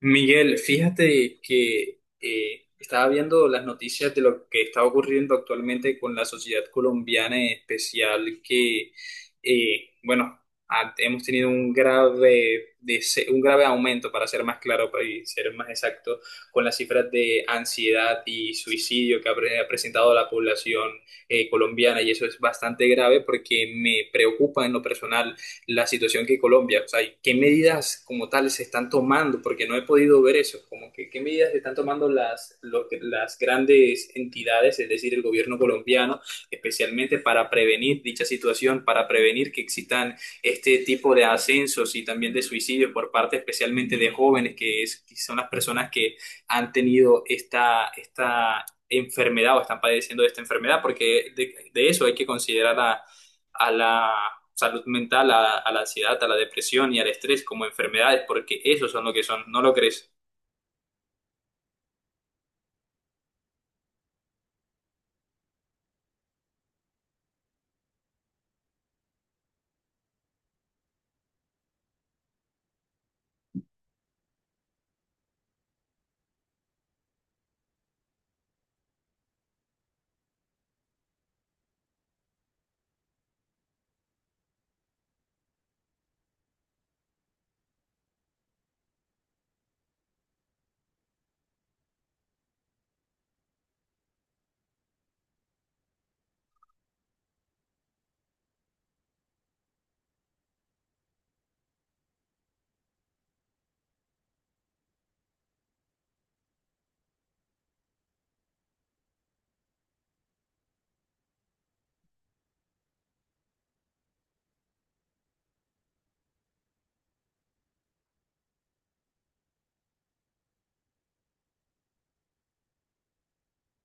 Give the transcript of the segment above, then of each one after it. Miguel, fíjate que estaba viendo las noticias de lo que está ocurriendo actualmente con la sociedad colombiana en especial, eh, bueno, hemos tenido un grave, un grave aumento. Para ser más claro, y ser más exacto, con las cifras de ansiedad y suicidio que ha presentado la población colombiana. Y eso es bastante grave porque me preocupa en lo personal la situación que Colombia, o sea, ¿qué medidas como tal se están tomando? Porque no he podido ver eso, como que qué medidas se están tomando las grandes entidades, es decir, el gobierno colombiano, especialmente para prevenir dicha situación, para prevenir que existan este tipo de ascensos y también de suicidios por parte especialmente de jóvenes, que, que son las personas que han tenido esta enfermedad o están padeciendo de esta enfermedad, porque de eso hay que considerar a la salud mental, a la ansiedad, a la depresión y al estrés como enfermedades, porque esos son lo que son, ¿no lo crees?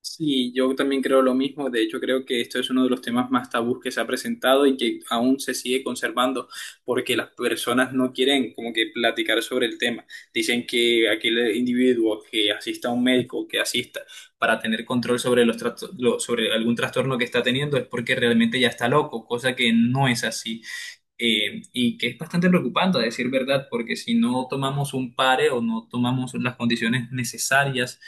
Sí, yo también creo lo mismo. De hecho, creo que esto es uno de los temas más tabús que se ha presentado y que aún se sigue conservando porque las personas no quieren como que platicar sobre el tema. Dicen que aquel individuo que asista a un médico, que asista para tener control sobre los sobre algún trastorno que está teniendo es porque realmente ya está loco, cosa que no es así. Y que es bastante preocupante, a decir verdad, porque si no tomamos un pare o no tomamos las condiciones necesarias,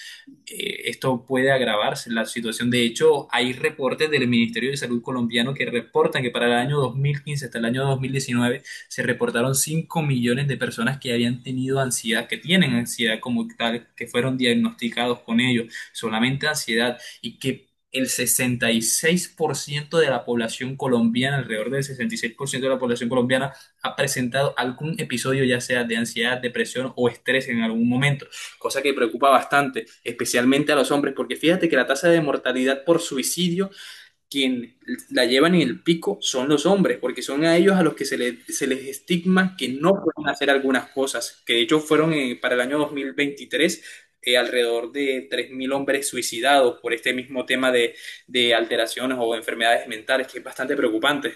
esto puede agravarse la situación. De hecho, hay reportes del Ministerio de Salud colombiano que reportan que para el año 2015 hasta el año 2019 se reportaron 5 millones de personas que habían tenido ansiedad, que tienen ansiedad como tal, que fueron diagnosticados con ello, solamente ansiedad, y que el 66% de la población colombiana, alrededor del 66% de la población colombiana, ha presentado algún episodio ya sea de ansiedad, depresión o estrés en algún momento, cosa que preocupa bastante, especialmente a los hombres, porque fíjate que la tasa de mortalidad por suicidio, quien la llevan en el pico son los hombres, porque son a ellos a los que se les estigma que no pueden hacer algunas cosas, que de hecho fueron para el año 2023 alrededor de 3.000 hombres suicidados por este mismo tema de alteraciones o enfermedades mentales, que es bastante preocupante.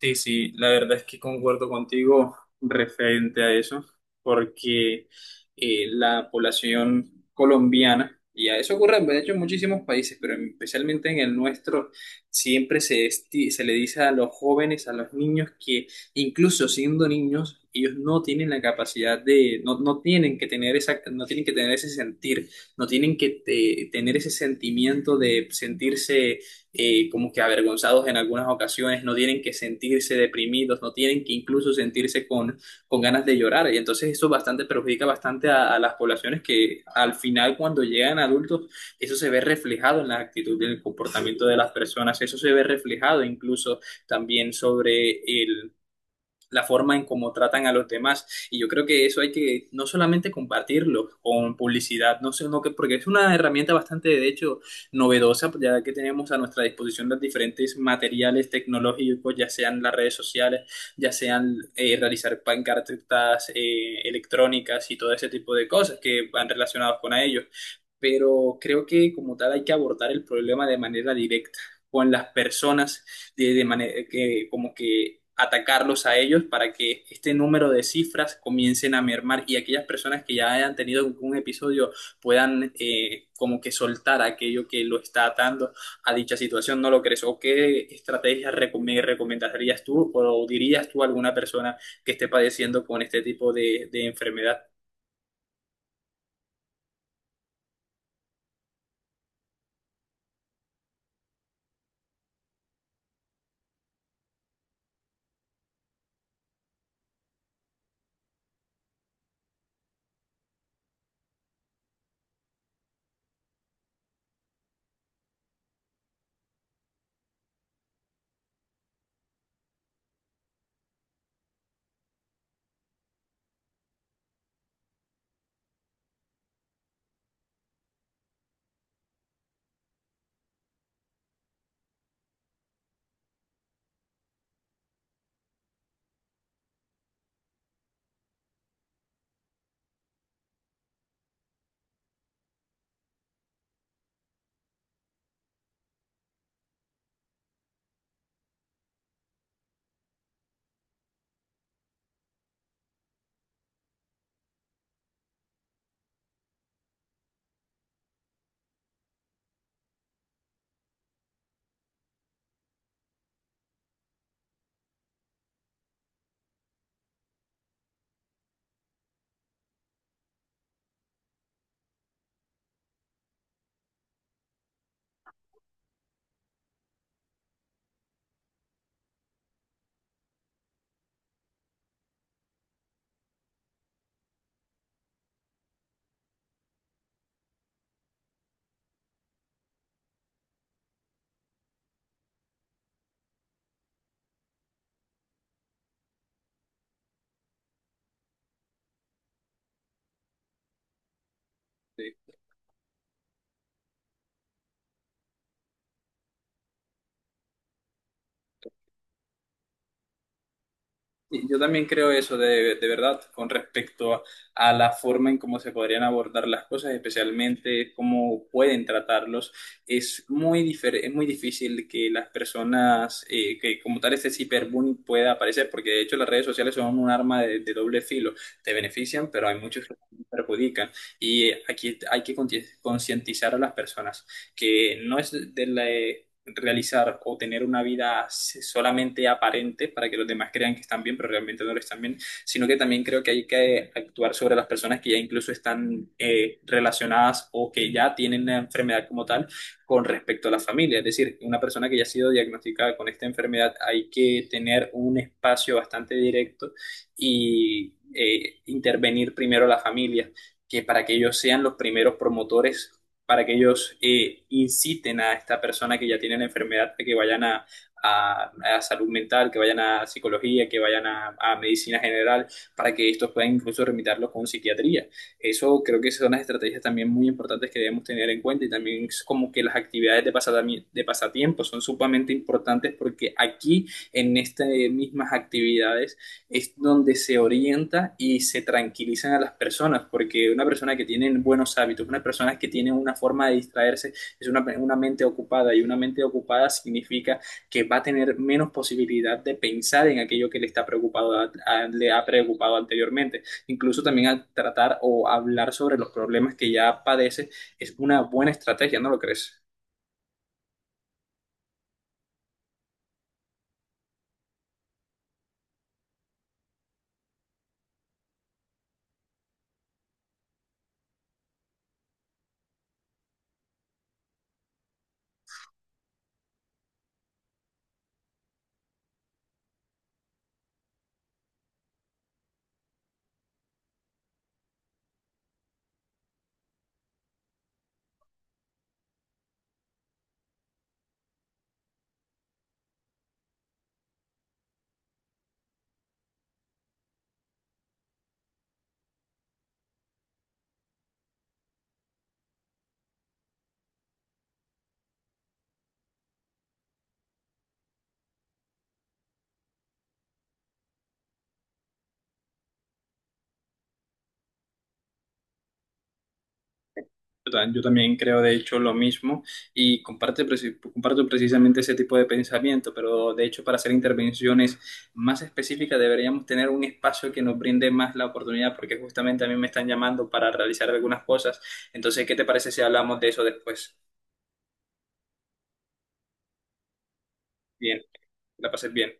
Sí, sí, la verdad es que concuerdo contigo referente a eso, porque la población colombiana, y a eso ocurre de hecho en muchísimos países, pero especialmente en el nuestro, siempre se, se le dice a los jóvenes, a los niños, que incluso siendo niños, ellos no tienen la capacidad de, no, no tienen que tener esa, no tienen que tener ese sentir, no tienen que tener ese sentimiento de sentirse como que avergonzados en algunas ocasiones, no tienen que sentirse deprimidos, no tienen que incluso sentirse con, ganas de llorar. Y entonces eso bastante perjudica bastante a, las poblaciones que al final cuando llegan adultos, eso se ve reflejado en la actitud y en el comportamiento de las personas, eso se ve reflejado incluso también sobre el la forma en cómo tratan a los demás. Y yo creo que eso hay que no solamente compartirlo con publicidad, no sé, no que, porque es una herramienta bastante, de hecho, novedosa, ya que tenemos a nuestra disposición los diferentes materiales tecnológicos, ya sean las redes sociales, ya sean realizar pancartas electrónicas y todo ese tipo de cosas que van relacionados con ellos. Pero creo que como tal hay que abordar el problema de manera directa con las personas de manera que como que atacarlos a ellos para que este número de cifras comiencen a mermar, y aquellas personas que ya hayan tenido un episodio puedan como que soltar aquello que lo está atando a dicha situación, ¿no lo crees? ¿O qué estrategias me recomendarías tú o dirías tú a alguna persona que esté padeciendo con este tipo de enfermedad? Yo también creo eso de, verdad, con respecto a, la forma en cómo se podrían abordar las cosas, especialmente cómo pueden tratarlos. Es muy es muy difícil que las personas, que como tal este ciberbullying pueda aparecer, porque de hecho las redes sociales son un arma de, doble filo. Te benefician, pero hay muchos que te perjudican. Y aquí hay que concientizar a las personas que no es de la realizar o tener una vida solamente aparente para que los demás crean que están bien, pero realmente no lo están bien, sino que también creo que hay que actuar sobre las personas que ya incluso están relacionadas o que ya tienen la enfermedad como tal con respecto a la familia. Es decir, una persona que ya ha sido diagnosticada con esta enfermedad, hay que tener un espacio bastante directo y intervenir primero la familia, que para que ellos sean los primeros promotores, para que ellos inciten a esta persona que ya tiene la enfermedad a que vayan a, salud mental, que vayan a psicología, que vayan a, medicina general, para que estos puedan incluso remitirlos con psiquiatría. Eso creo que son las estrategias también muy importantes que debemos tener en cuenta, y también es como que las actividades de de pasatiempo son sumamente importantes porque aquí en estas mismas actividades es donde se orienta y se tranquilizan a las personas, porque una persona que tiene buenos hábitos, una persona que tiene una forma de distraerse, es una mente ocupada, y una mente ocupada significa que va a tener menos posibilidad de pensar en aquello que le está preocupado, le ha preocupado anteriormente. Incluso también al tratar o hablar sobre los problemas que ya padece es una buena estrategia, ¿no lo crees? Yo yo también creo, de hecho, lo mismo, y comparto precisamente ese tipo de pensamiento, pero de hecho, para hacer intervenciones más específicas deberíamos tener un espacio que nos brinde más la oportunidad, porque justamente a mí me están llamando para realizar algunas cosas. Entonces, ¿qué te parece si hablamos de eso después? Bien, que la pases bien.